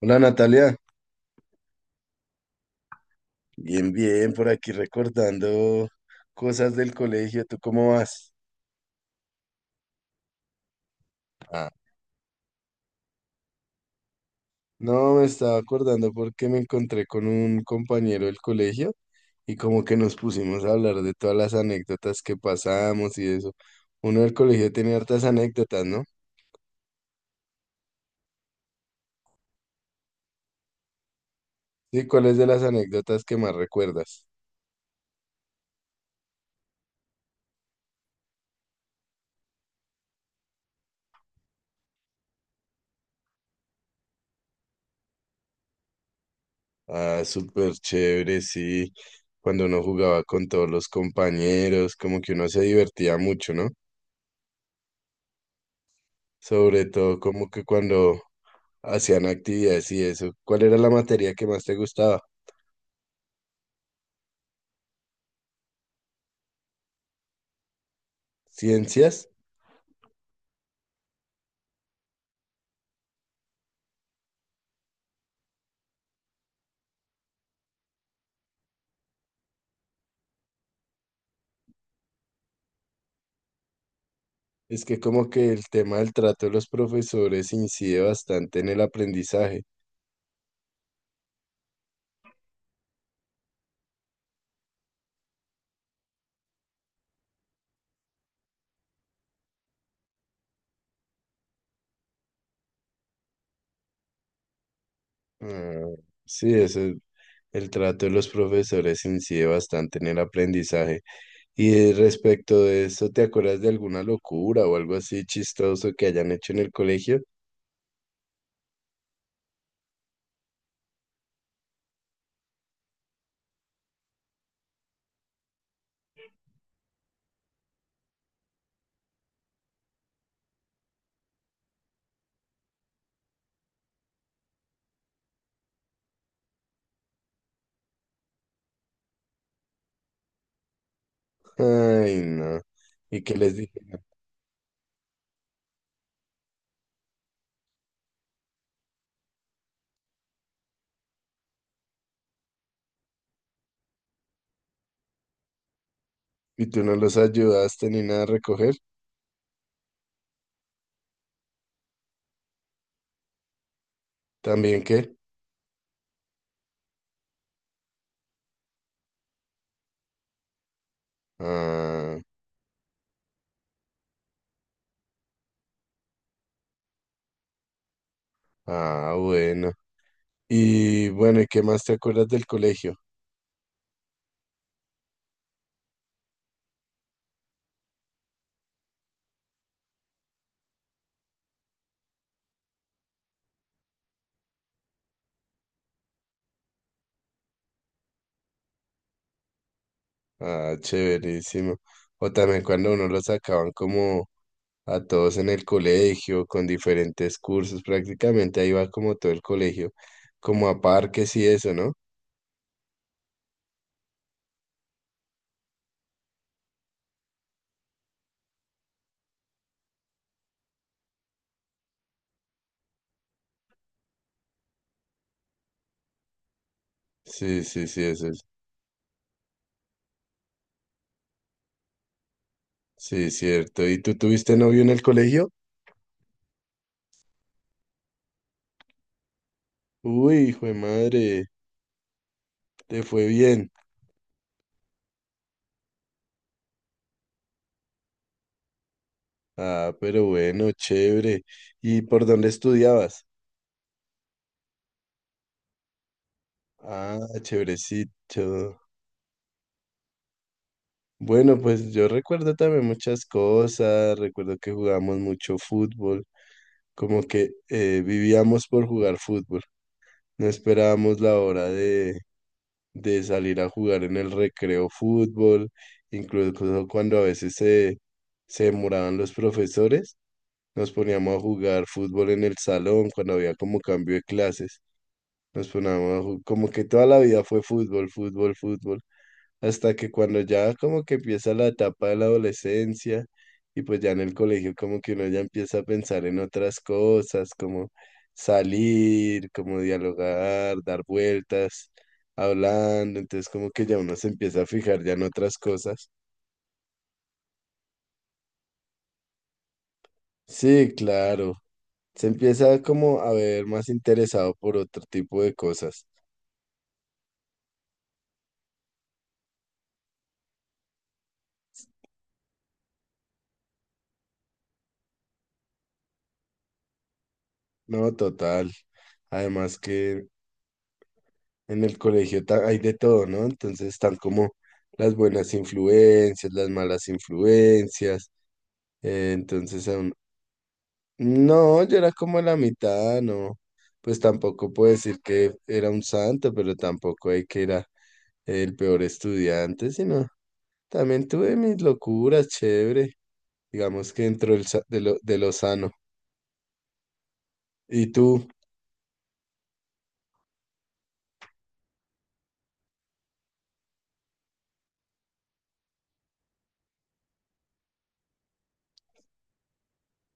Hola, Natalia, bien, bien, por aquí recordando cosas del colegio, ¿tú cómo vas? Ah, no, me estaba acordando porque me encontré con un compañero del colegio y como que nos pusimos a hablar de todas las anécdotas que pasamos y eso. Uno del colegio tiene hartas anécdotas, ¿no? Sí, ¿cuáles de las anécdotas que más recuerdas? Ah, súper chévere, sí. Cuando uno jugaba con todos los compañeros, como que uno se divertía mucho, ¿no? Sobre todo como que cuando hacían actividades y eso. ¿Cuál era la materia que más te gustaba? ¿Ciencias? Es que como que el tema del trato de los profesores incide bastante en el aprendizaje. Ah, sí, eso, el trato de los profesores incide bastante en el aprendizaje. Y respecto de eso, ¿te acuerdas de alguna locura o algo así chistoso que hayan hecho en el colegio? Ay, no. ¿Y qué les dije? ¿Y tú no los ayudaste ni nada a recoger? ¿También qué? Ah, ah, bueno. Y bueno, ¿y qué más te acuerdas del colegio? Ah, chéverísimo. O también cuando uno lo sacaban como a todos en el colegio, con diferentes cursos, prácticamente ahí va como todo el colegio, como a parques y eso, ¿no? Sí, sí, sí, eso es. Sí, cierto. ¿Y tú tuviste novio en el colegio? Uy, hijo de madre, te fue bien. Ah, pero bueno, chévere. ¿Y por dónde estudiabas? Ah, chéverecito. Bueno, pues yo recuerdo también muchas cosas, recuerdo que jugábamos mucho fútbol, como que vivíamos por jugar fútbol, no esperábamos la hora de salir a jugar en el recreo fútbol, incluso cuando a veces se demoraban los profesores, nos poníamos a jugar fútbol en el salón cuando había como cambio de clases, nos poníamos a como que toda la vida fue fútbol, fútbol, fútbol hasta que cuando ya como que empieza la etapa de la adolescencia y pues ya en el colegio como que uno ya empieza a pensar en otras cosas, como salir, como dialogar, dar vueltas, hablando, entonces como que ya uno se empieza a fijar ya en otras cosas. Sí, claro, se empieza como a ver más interesado por otro tipo de cosas. No, total. Además que en el colegio hay de todo, ¿no? Entonces están como las buenas influencias, las malas influencias. eh, entonces, a uno- no, yo era como la mitad, no. Pues tampoco puedo decir que era un santo, pero tampoco hay que era el peor estudiante, sino también tuve mis locuras, chévere. Digamos que dentro del de lo sano. ¿Y tú?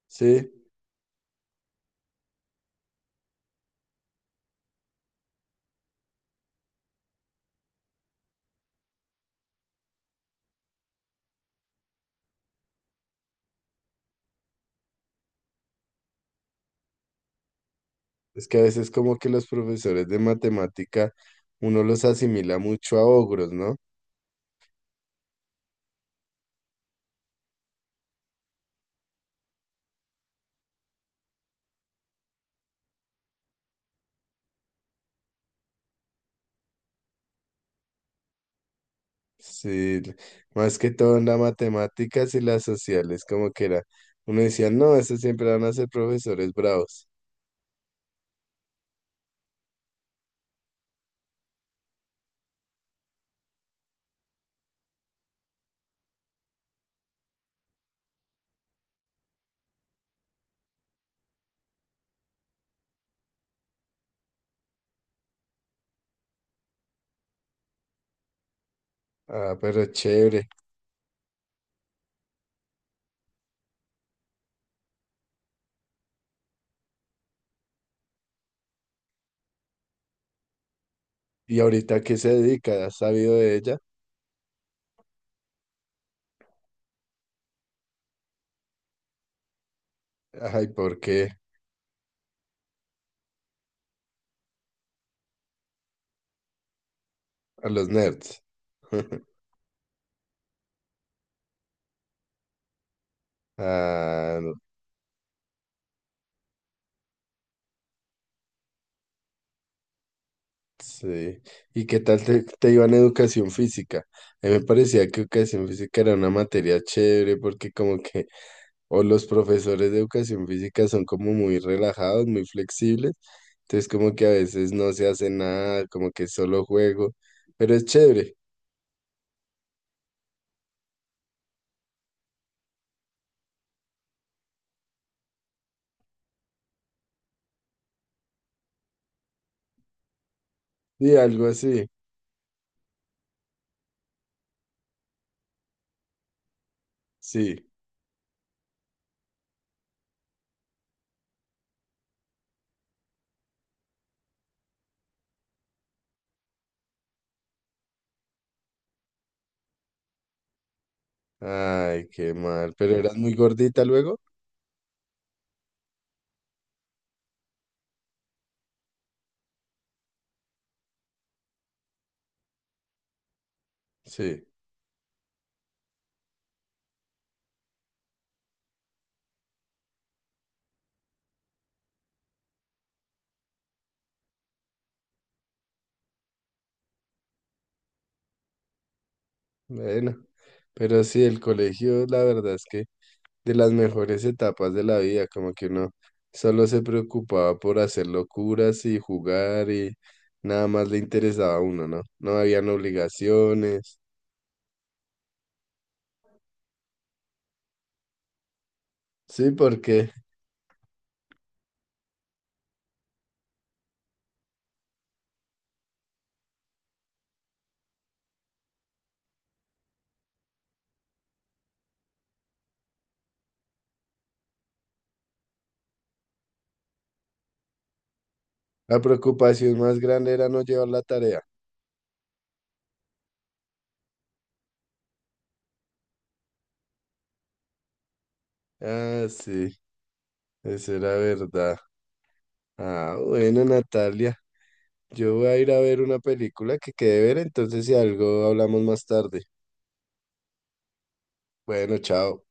Sí. Es que a veces como que los profesores de matemática uno los asimila mucho a ogros, ¿no? Sí, más que todo en las matemáticas y las sociales, como que era. Uno decía, no, esos siempre van a ser profesores bravos. Ah, pero chévere. ¿Y ahorita qué se dedica? ¿Has sabido de ella? Ay, ¿por qué? A los nerds. Ah, no, sí. ¿Y qué tal te, te iba en educación física? A mí me parecía que educación física era una materia chévere porque como que o los profesores de educación física son como muy relajados, muy flexibles. Entonces como que a veces no se hace nada, como que solo juego. Pero es chévere. Sí, algo así. Sí. Ay, qué mal. ¿Pero eras muy gordita luego? Sí. Bueno. Pero sí, el colegio, la verdad es que de las mejores etapas de la vida, como que uno solo se preocupaba por hacer locuras y jugar y nada más le interesaba a uno, ¿no? No habían obligaciones. Sí, porque la preocupación más grande era no llevar la tarea. Ah, sí, eso era verdad. Ah, bueno, Natalia, yo voy a ir a ver una película que quede ver, entonces si algo hablamos más tarde. Bueno, chao.